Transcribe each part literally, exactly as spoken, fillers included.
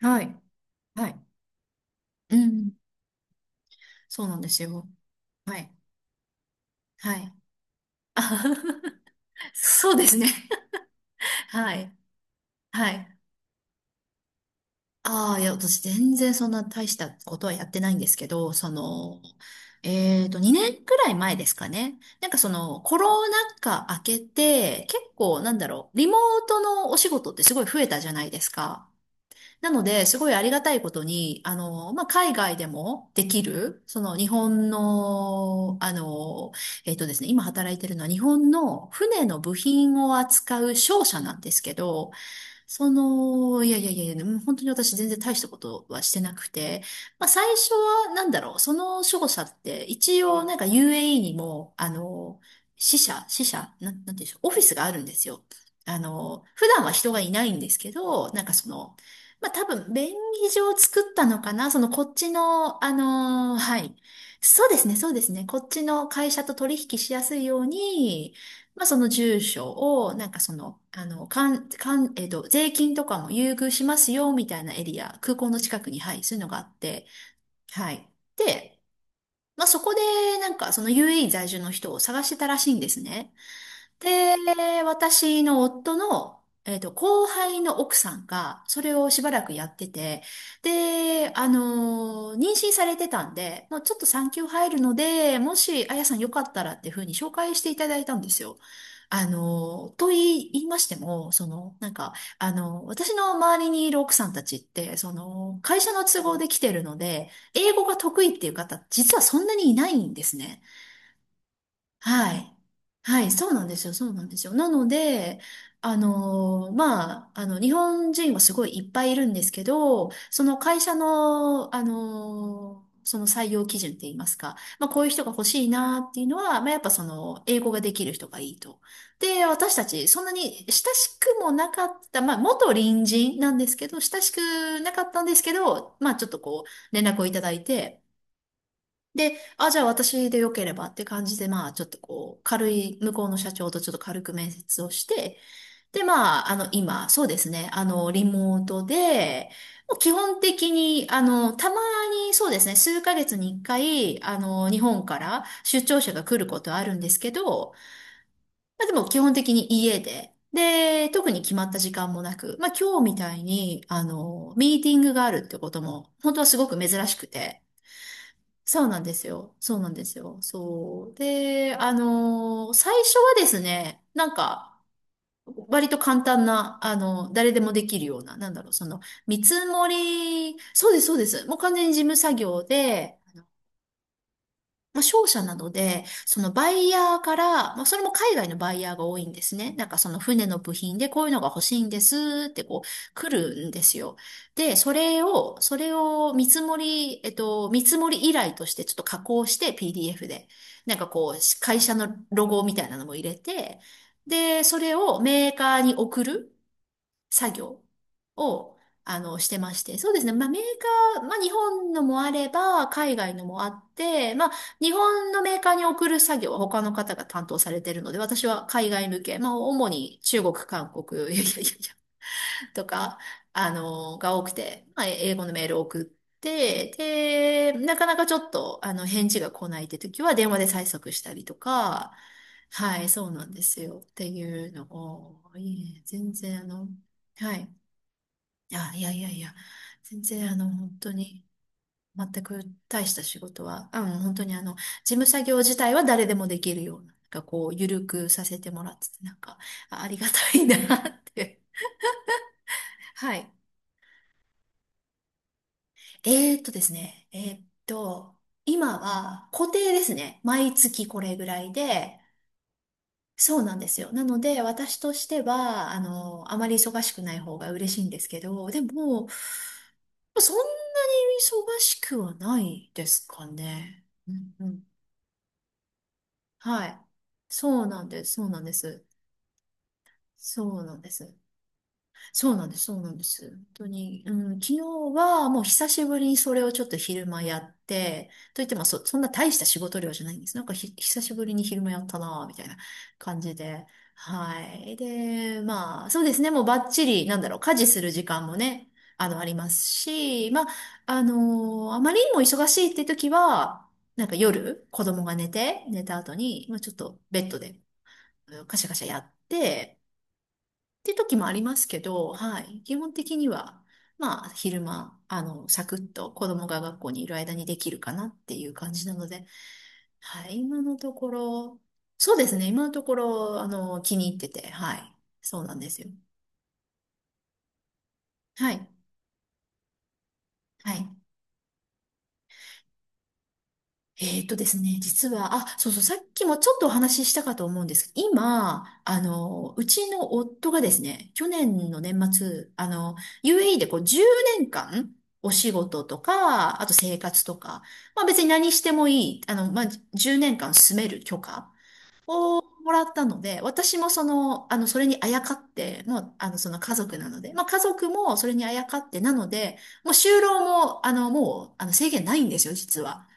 はい。はい。うん。そうなんですよ。はい。はい。あ そうですね。はい。はい。ああ、いや、私全然そんな大したことはやってないんですけど、その、えっと、にねんくらい前ですかね。なんかその、コロナ禍明けて、結構なんだろう、リモートのお仕事ってすごい増えたじゃないですか。なので、すごいありがたいことに、あの、まあ、海外でもできる、その日本の、あの、えっとですね、今働いてるのは日本の船の部品を扱う商社なんですけど、その、いやいやいやいや、もう本当に私全然大したことはしてなくて、まあ最初はなんだろう、その守護者って一応なんか ユーエーイー にも、あの、支社、支社、なん、なんていうんでしょう、オフィスがあるんですよ。あの、普段は人がいないんですけど、なんかその、まあ多分便宜上作ったのかな、そのこっちの、あの、はい。そうですね、そうですね。こっちの会社と取引しやすいように、まあ、その住所を、なんかその、あの、かん、かん、えっと、税金とかも優遇しますよ、みたいなエリア、空港の近くに、はい、そういうのがあって、はい。で、まあ、そこで、なんか、その ユーエーイー 在住の人を探してたらしいんですね。で、私の夫の、えっと、後輩の奥さんが、それをしばらくやってて、で、あのー妊娠されてたんで、もうちょっと産休入るので、もし、あやさんよかったらっていうふうに紹介していただいたんですよ。あのーと言い、言いましても、その、なんか、あのー私の周りにいる奥さんたちって、その、会社の都合で来てるので、英語が得意っていう方、実はそんなにいないんですね。はい。はい、そうなんですよ、そうなんですよ。なので、あのーまあ、あの、日本人はすごいいっぱいいるんですけど、その会社の、あのーその採用基準って言いますか、まあ、こういう人が欲しいなっていうのは、まあ、やっぱその、英語ができる人がいいと。で、私たち、そんなに親しくもなかった、まあ、元隣人なんですけど、親しくなかったんですけど、まあ、ちょっとこう、連絡をいただいて、で、あ、じゃあ私でよければって感じで、まあ、ちょっとこう、軽い、向こうの社長とちょっと軽く面接をして、で、まあ、あの、今、そうですね、あの、リモートで、もう基本的に、あの、たまに、そうですね、数ヶ月にいっかい、あの、日本から出張者が来ることはあるんですけど、まあでも基本的に家で、で、特に決まった時間もなく、まあ今日みたいに、あの、ミーティングがあるってことも、本当はすごく珍しくて、そうなんですよ。そうなんですよ。そう。で、あのー最初はですね、なんか、割と簡単な、あの、誰でもできるような、なんだろう、その、見積もり、そうです、そうです。もう完全に事務作業で、まあ、商社などで、そのバイヤーから、まあ、それも海外のバイヤーが多いんですね。なんかその船の部品でこういうのが欲しいんですってこう来るんですよ。で、それを、それを見積もり、えっと、見積もり依頼としてちょっと加工して ピーディーエフ で、なんかこう、会社のロゴみたいなのも入れて、で、それをメーカーに送る。作業を、あの、してまして。そうですね。まあ、メーカー、まあ、日本のもあれば、海外のもあって、まあ、日本のメーカーに送る作業は他の方が担当されてるので、私は海外向け、まあ、主に中国、韓国、いやいやいやいや、とか、あの、が多くて、まあ、英語のメールを送って、で、なかなかちょっと、あの、返事が来ないって時は、電話で催促したりとか、はい、そうなんですよ。っていうのを、いえ、全然、あの、はい。あ、いやいやいや、全然あの、本当に、全く大した仕事は、うん、本当にあの、事務作業自体は誰でもできるような、なんかこう、ゆるくさせてもらってて、なんか、あありがたいなって。はい。えーっとですね、えーっと、今は固定ですね。毎月これぐらいで、そうなんですよ。なので、私としては、あの、あまり忙しくない方が嬉しいんですけど、でも、そんなに忙しくはないですかね。うんうん。はい。そうなんです。そうなんです。そうなんです。そうなんです、そうなんです。本当に、うん、昨日はもう久しぶりにそれをちょっと昼間やって、といってもそ、そんな大した仕事量じゃないんです。なんかひ、久しぶりに昼間やったなぁ、みたいな感じで。はい。で、まあ、そうですね、もうバッチリ、なんだろう、家事する時間もね、あの、ありますし、まあ、あのーあまりにも忙しいって時は、なんか夜、子供が寝て、寝た後に、まあ、ちょっとベッドでうんカシャカシャやって、って時もありますけど、はい。基本的には、まあ、昼間、あの、サクッと子供が学校にいる間にできるかなっていう感じなので、はい。今のところ、そうですね。今のところ、あの、気に入ってて、はい。そうなんですよ。はい。はい。えーとですね、実は、あ、そうそう、さっきもちょっとお話ししたかと思うんですけど、今、あの、うちの夫がですね、去年の年末、あの、ユーエーイー でこうじゅうねんかん、お仕事とか、あと生活とか、まあ別に何してもいい、あの、まあじゅうねんかん住める許可をもらったので、私もその、あの、それにあやかって、もう、あの、その家族なので、まあ家族もそれにあやかってなので、もう就労も、あの、もう、あの、制限ないんですよ、実は。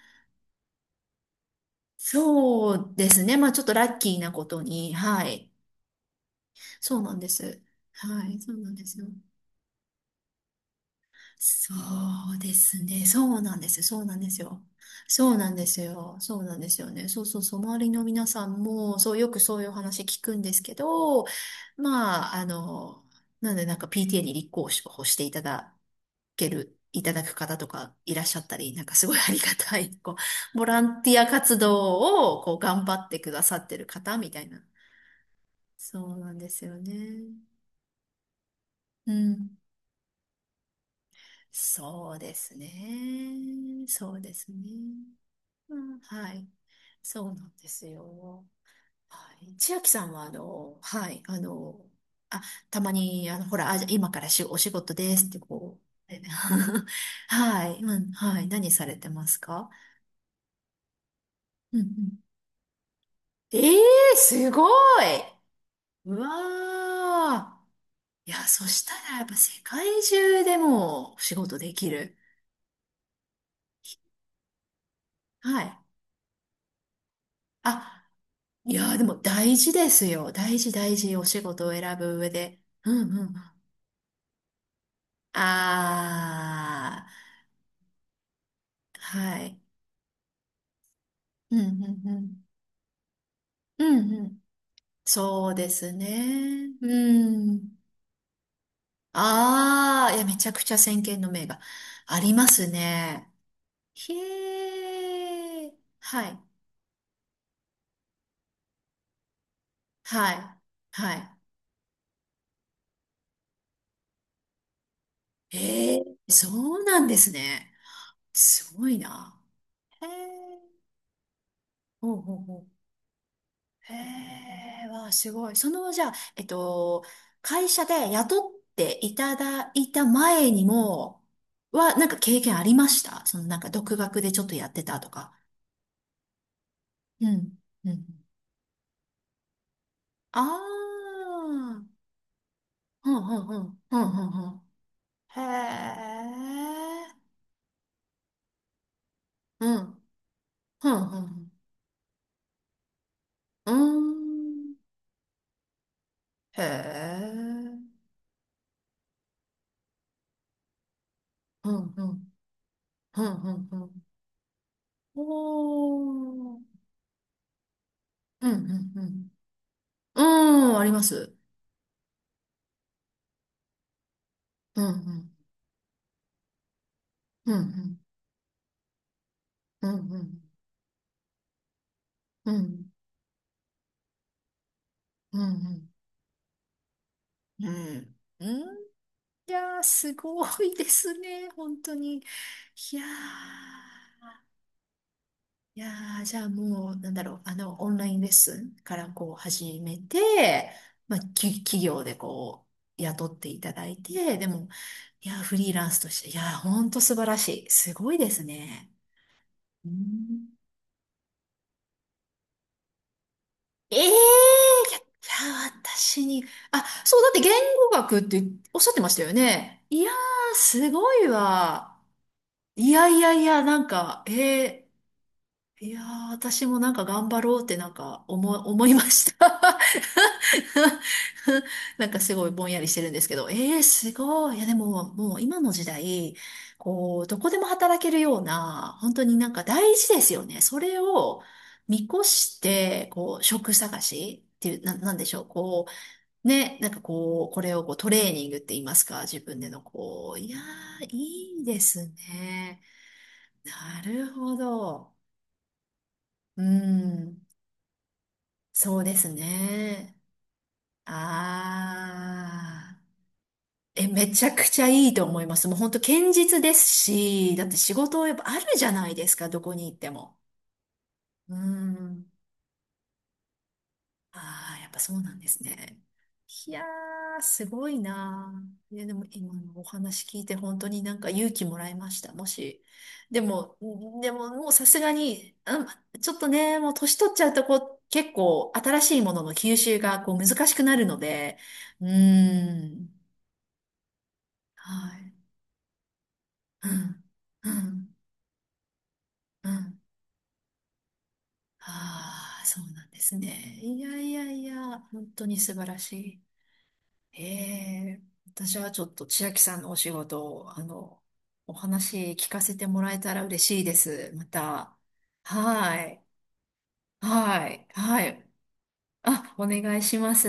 そうですね。まあちょっとラッキーなことに、はい。そうなんです。はい、そうなんですよ。そうですね。そうなんです。そうなんですよ。そうなんですよ。そうなんですよね。そうそうそう。周りの皆さんも、そう、よくそういうお話聞くんですけど、まあ、あの、なんでなんか ピーティーエー に立候補していただける、いただく方とかいらっしゃったり、なんかすごいありがたい、こう、ボランティア活動をこう頑張ってくださってる方みたいなそうなんですよね。うん。そうですね。そうですね。うん、はい。そうなんですよ。はい。千秋さんは、あの、はい、あの、あ、たまに、あの、ほら、あ、じゃあ今からし、お仕事ですって、こう。え はい、うん、はい。何されてますかうん、うん。ええー、すごい。うわー。いや、そしたらやっぱ世界中でもお仕事できる。はい。あ、いやー、でも大事ですよ。大事大事。お仕事を選ぶ上で。うんうん。あー、はい。うんうんうん。うんうん。そうですね。うん。あー、いや、めちゃくちゃ先見の明がありますね。へー。はい。はい。はい。えー、そうなんですね。すごいな。へー。ほうほうほう。へえ、わあ、すごい。その、じゃあ、えっと、会社で雇っていただいた前にも、は、なんか経験ありました？その、なんか独学でちょっとやってたとか。うん、うん。ああ、うん、うん、うん、うん、うん。うん。へえ、うん、うん、うん。うん。へえ、うん、うん、うん、うん、うん。おー、うん、うん、うん。うん、あります。うんうんうん、うん、うん、うん、うん、うん。うん。うんうん。いやー、すごいですね。本当に。いやー、いやー、じゃあもう、なんだろう、あの、オンラインレッスンからこう始めて、まあ、き、企業でこう、雇っていただいて、でも、いやー、フリーランスとして、いやー、本当素晴らしい。すごいですね。うん。ええー。いや、いや私に、あ、そう、だって言語学っておっしゃってましたよね。いやー、すごいわ。いやいやいや、なんか、えーいやー、私もなんか頑張ろうってなんか思い、思いました。なんかすごいぼんやりしてるんですけど、えー、すごい。いや、でも、もう今の時代、こう、どこでも働けるような、本当になんか大事ですよね。それを見越して、こう、職探しっていう、な、なんでしょう。こう、ね、なんかこう、これをこうトレーニングって言いますか、自分でのこう、いやー、いいですね。なるほど。うん。そうですね。ああ。え、めちゃくちゃいいと思います。もう本当堅実ですし、だって仕事やっぱあるじゃないですか、どこに行っても。うん。ああ、やっぱそうなんですね。いやー、すごいなー。いや、でも今のお話聞いて本当になんか勇気もらいました。もし。でも、でももうさすがに、うん、ちょっとね、もう年取っちゃうとこう、結構新しいものの吸収がこう難しくなるので、うーん、はい。うん、うん、うん。ああ、そうなんですね。いやいやいや、本当に素晴らしい。へえ、私はちょっと千秋さんのお仕事を、あの、お話聞かせてもらえたら嬉しいです。また。はい。はい。はい。あ、お願いします。